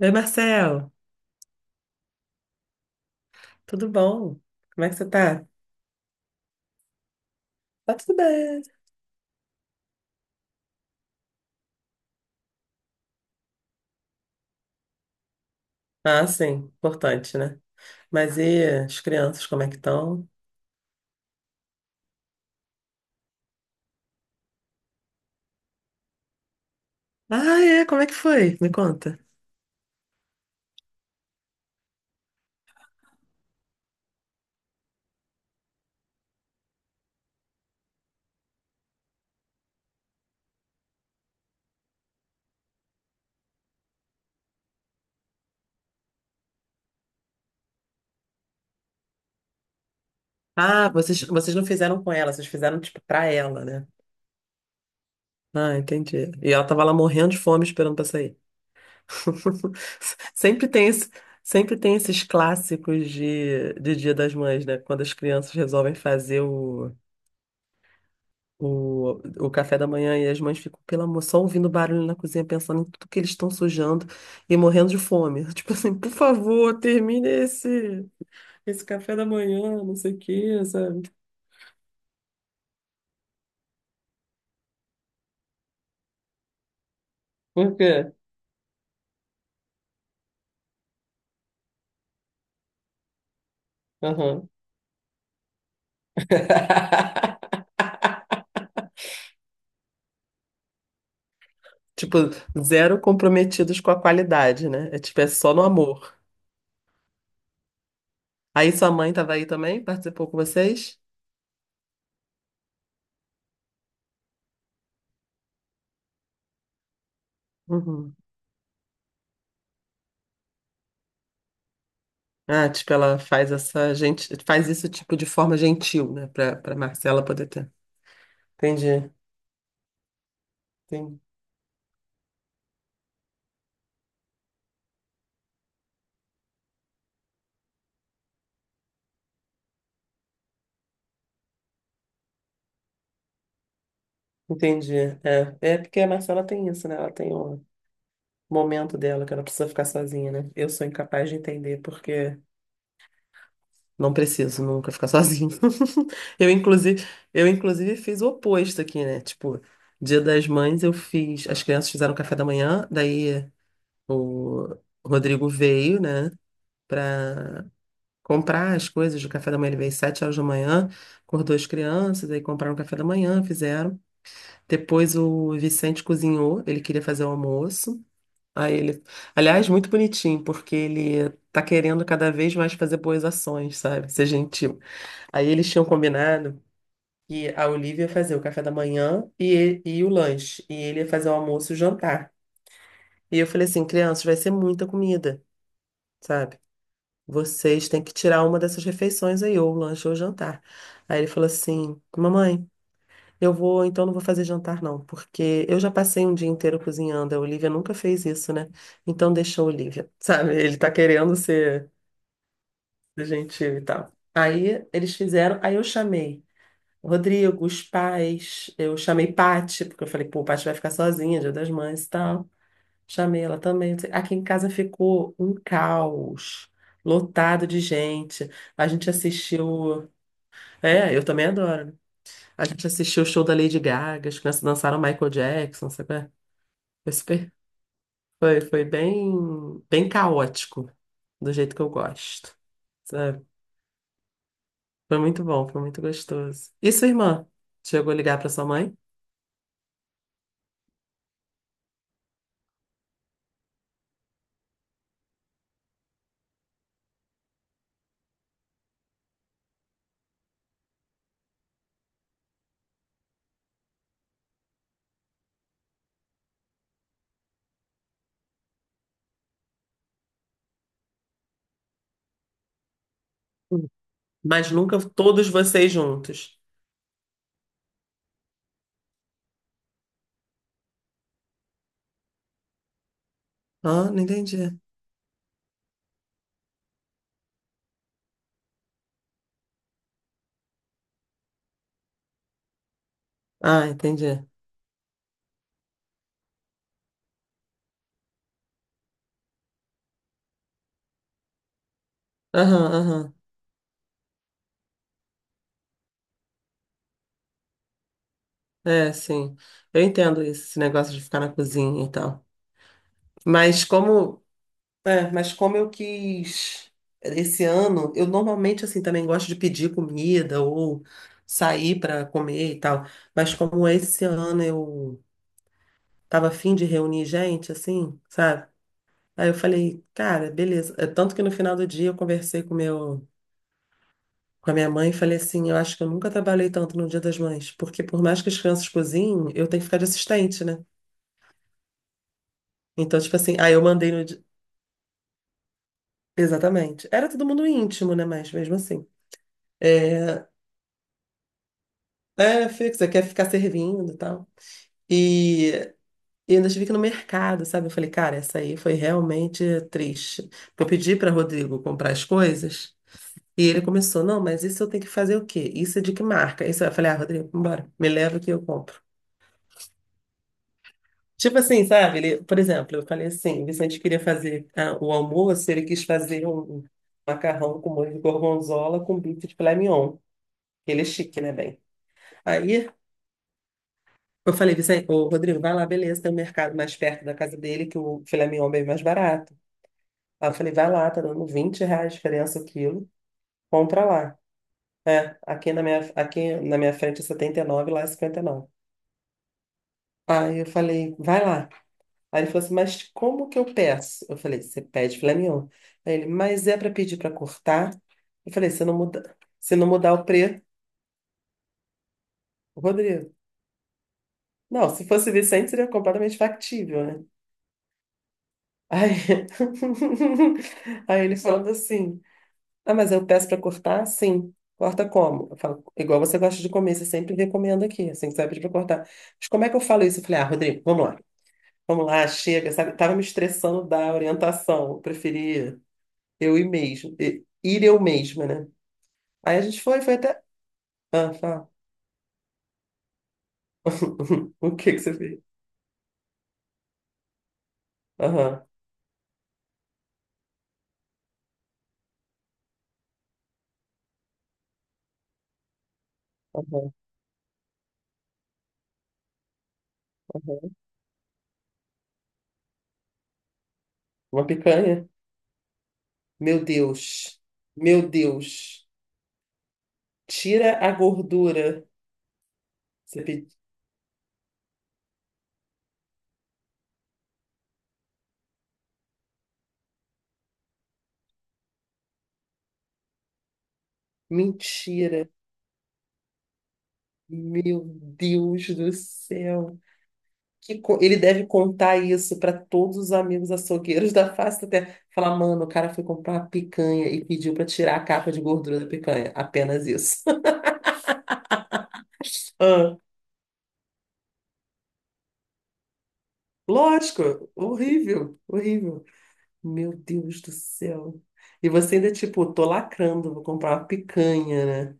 Oi, Marcel, tudo bom? Como é que você tá? Tá tudo bem. Ah, sim, importante, né? Mas e as crianças, como é que estão? Ah, é, como é que foi? Me conta. Ah, vocês não fizeram com ela, vocês fizeram, tipo, pra ela, né? Ah, entendi. E ela tava lá morrendo de fome esperando pra sair. Sempre tem esse, sempre tem esses clássicos de Dia das Mães, né? Quando as crianças resolvem fazer o café da manhã e as mães ficam, pelo amor, só ouvindo barulho na cozinha, pensando em tudo que eles estão sujando e morrendo de fome. Tipo assim, por favor, esse café da manhã, não sei o quê, sabe? Por quê? Aham. Tipo, zero comprometidos com a qualidade, né? É tipo, é só no amor. Aí sua mãe tava aí também, participou com vocês? Uhum. Ah, tipo, ela faz essa gente, faz isso tipo de forma gentil, né? Pra Marcela poder ter. Entendi. Entendi. Entendi. É, é porque a Marcela tem isso, né? Ela tem o momento dela que ela precisa ficar sozinha, né? Eu sou incapaz de entender porque não preciso nunca ficar sozinho. Eu inclusive, eu inclusive fiz o oposto aqui, né? Tipo, Dia das Mães eu fiz, as crianças fizeram café da manhã, daí o Rodrigo veio, né, pra comprar as coisas do café da manhã, ele veio às sete horas da manhã, acordou as crianças, aí compraram o café da manhã, fizeram. Depois o Vicente cozinhou, ele queria fazer o almoço. Aí ele, aliás, muito bonitinho, porque ele tá querendo cada vez mais fazer boas ações, sabe? Ser gentil. Aí eles tinham combinado que a Olivia ia fazer o café da manhã e o lanche, e ele ia fazer o almoço e o jantar. E eu falei assim, crianças, vai ser muita comida, sabe? Vocês têm que tirar uma dessas refeições aí, ou o lanche ou o jantar. Aí ele falou assim, mamãe. Eu vou, então não vou fazer jantar não, porque eu já passei um dia inteiro cozinhando. A Olivia nunca fez isso, né? Então deixa a Olivia, sabe? Ele tá querendo ser gentil e tal. Aí eles fizeram, aí eu chamei o Rodrigo, os pais, eu chamei Paty, porque eu falei, pô, Paty vai ficar sozinha, Dia das Mães e tal. Chamei ela também. Não sei- Aqui em casa ficou um caos, lotado de gente. A gente assistiu. É, eu também adoro, né? A gente assistiu o show da Lady Gaga, as crianças dançaram Michael Jackson, sabe? Qual é? Foi super, foi bem, bem caótico, do jeito que eu gosto, sabe? Foi muito bom, foi muito gostoso. E sua irmã? Chegou a ligar para sua mãe? Hum. Mas nunca todos vocês juntos. Ah, não entendi. Ah, entendi. Aham, aham. É, sim. Eu entendo isso, esse negócio de ficar na cozinha e tal. Mas como É, mas como eu quis esse ano, eu normalmente assim também gosto de pedir comida ou sair para comer e tal. Mas como esse ano eu tava afim de reunir gente, assim, sabe? Aí eu falei, cara, beleza. É, tanto que no final do dia eu conversei com a minha mãe e falei assim, eu acho que eu nunca trabalhei tanto no Dia das Mães, porque por mais que as crianças cozinhem, eu tenho que ficar de assistente, né? Então, tipo assim, aí eu mandei no. Exatamente. Era todo mundo íntimo, né? Mas mesmo assim. É, É, fixa, quer ficar servindo e tal. E, e ainda tive que ir no mercado, sabe? Eu falei, cara, essa aí foi realmente triste. Porque eu pedi para Rodrigo comprar as coisas e ele começou, não, mas isso eu tenho que fazer o quê? Isso é de que marca? Isso eu falei, ah, Rodrigo, vambora, me leva que eu compro. Tipo assim, sabe? Ele, por exemplo, eu falei assim, o Vicente queria fazer ah, o almoço, ele quis fazer um macarrão com molho de gorgonzola com bife de filé mignon. Ele é chique, né, bem? Aí eu falei, Vicente, ô, Rodrigo, vai lá, beleza, tem um mercado mais perto da casa dele que o filé mignon é bem mais barato. Aí eu falei, vai lá, tá dando R$ 20 a diferença o quilo, compra lá. É, aqui na minha frente é 79, lá é 59. Aí eu falei, vai lá. Aí ele falou assim, mas como que eu peço? Eu falei, você pede filé mignon. Aí ele, mas é para pedir para cortar? Eu falei, se não mudar o preço, Rodrigo. Não, se fosse Vicente seria completamente factível, né? Aí, aí ele falando assim: Ah, mas eu peço para cortar? Sim. Corta como? Eu falo, igual você gosta de comer, você sempre recomenda aqui, assim, que você vai pedir para cortar. Mas como é que eu falo isso? Eu falei: Ah, Rodrigo, vamos lá, chega, sabe? Tava me estressando da orientação, eu preferia eu ir mesmo, ir eu mesma, né? Aí a gente foi, foi até. Ah, fala. O que que você fez? Aham, aham, aham. Uma picanha? Meu Deus, meu Deus, tira a gordura. Você pediu. Mentira! Meu Deus do céu! Ele deve contar isso para todos os amigos açougueiros da face da terra. Falar, mano, o cara foi comprar uma picanha e pediu para tirar a capa de gordura da picanha. Apenas isso. Ah, lógico, horrível, horrível. Meu Deus do céu. E você ainda, tipo, tô lacrando, vou comprar uma picanha, né?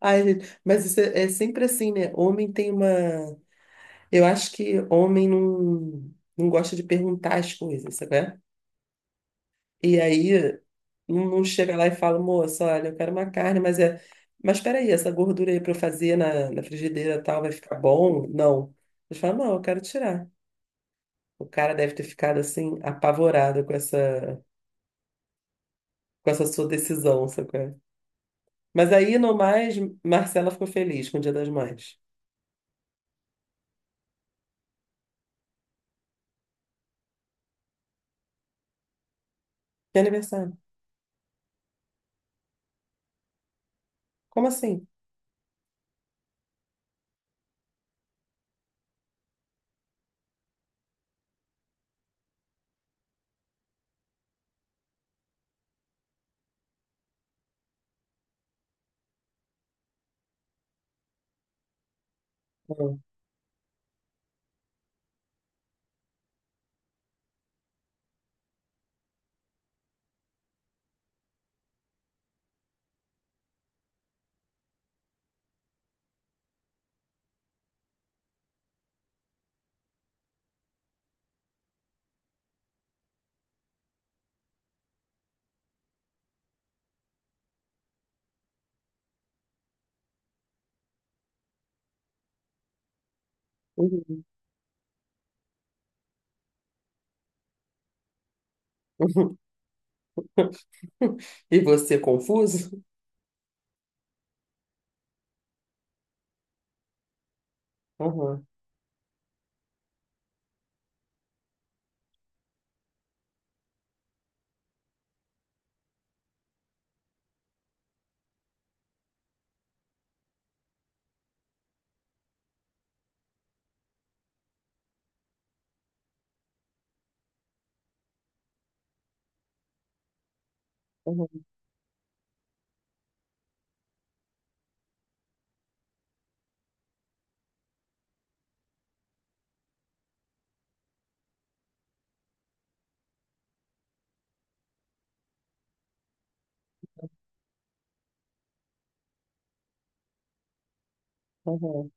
Ai, gente, mas isso é, é sempre assim, né? Homem tem uma. Eu acho que homem não, não gosta de perguntar as coisas, sabe? E aí não chega lá e fala, moça, olha, eu quero uma carne, mas é. Mas peraí, essa gordura aí para eu fazer na frigideira e tal vai ficar bom? Não. Eles falam, não, eu quero tirar. O cara deve ter ficado assim, apavorado com com essa sua decisão, sabe? Mas aí, no mais, Marcela ficou feliz com o Dia das Mães. Que aniversário? Como assim? Ah, uhum. E você confuso? Aham, aham,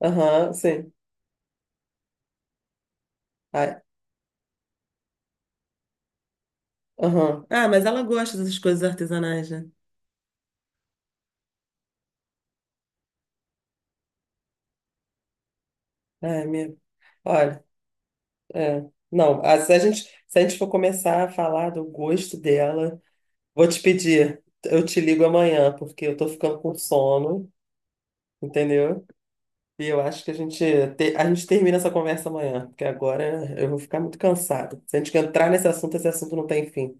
aham, sim. Ai, aham. Ah, mas ela gosta dessas coisas artesanais, né? Ai, minha... Olha, é. Não, se a gente for começar a falar do gosto dela, vou te pedir, eu te ligo amanhã, porque eu tô ficando com sono, entendeu? E eu acho que a gente, a gente termina essa conversa amanhã, porque agora eu vou ficar muito cansada. Se a gente entrar nesse assunto, esse assunto não tem fim.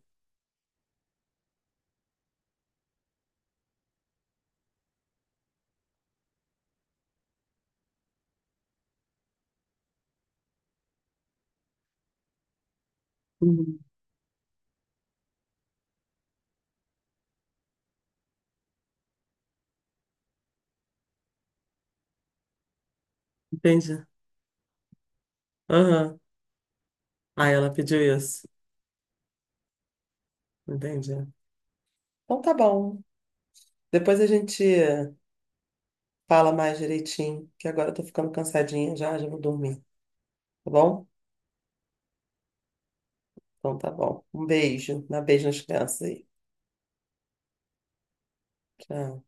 Uhum. Entendi. Aham. Ah, ela pediu isso. Entendi. Então tá bom. Depois a gente fala mais direitinho, que agora eu tô ficando cansadinha já, já vou dormir, tá bom? Então tá bom. Um beijo. Dá beijo nas crianças aí. Tchau.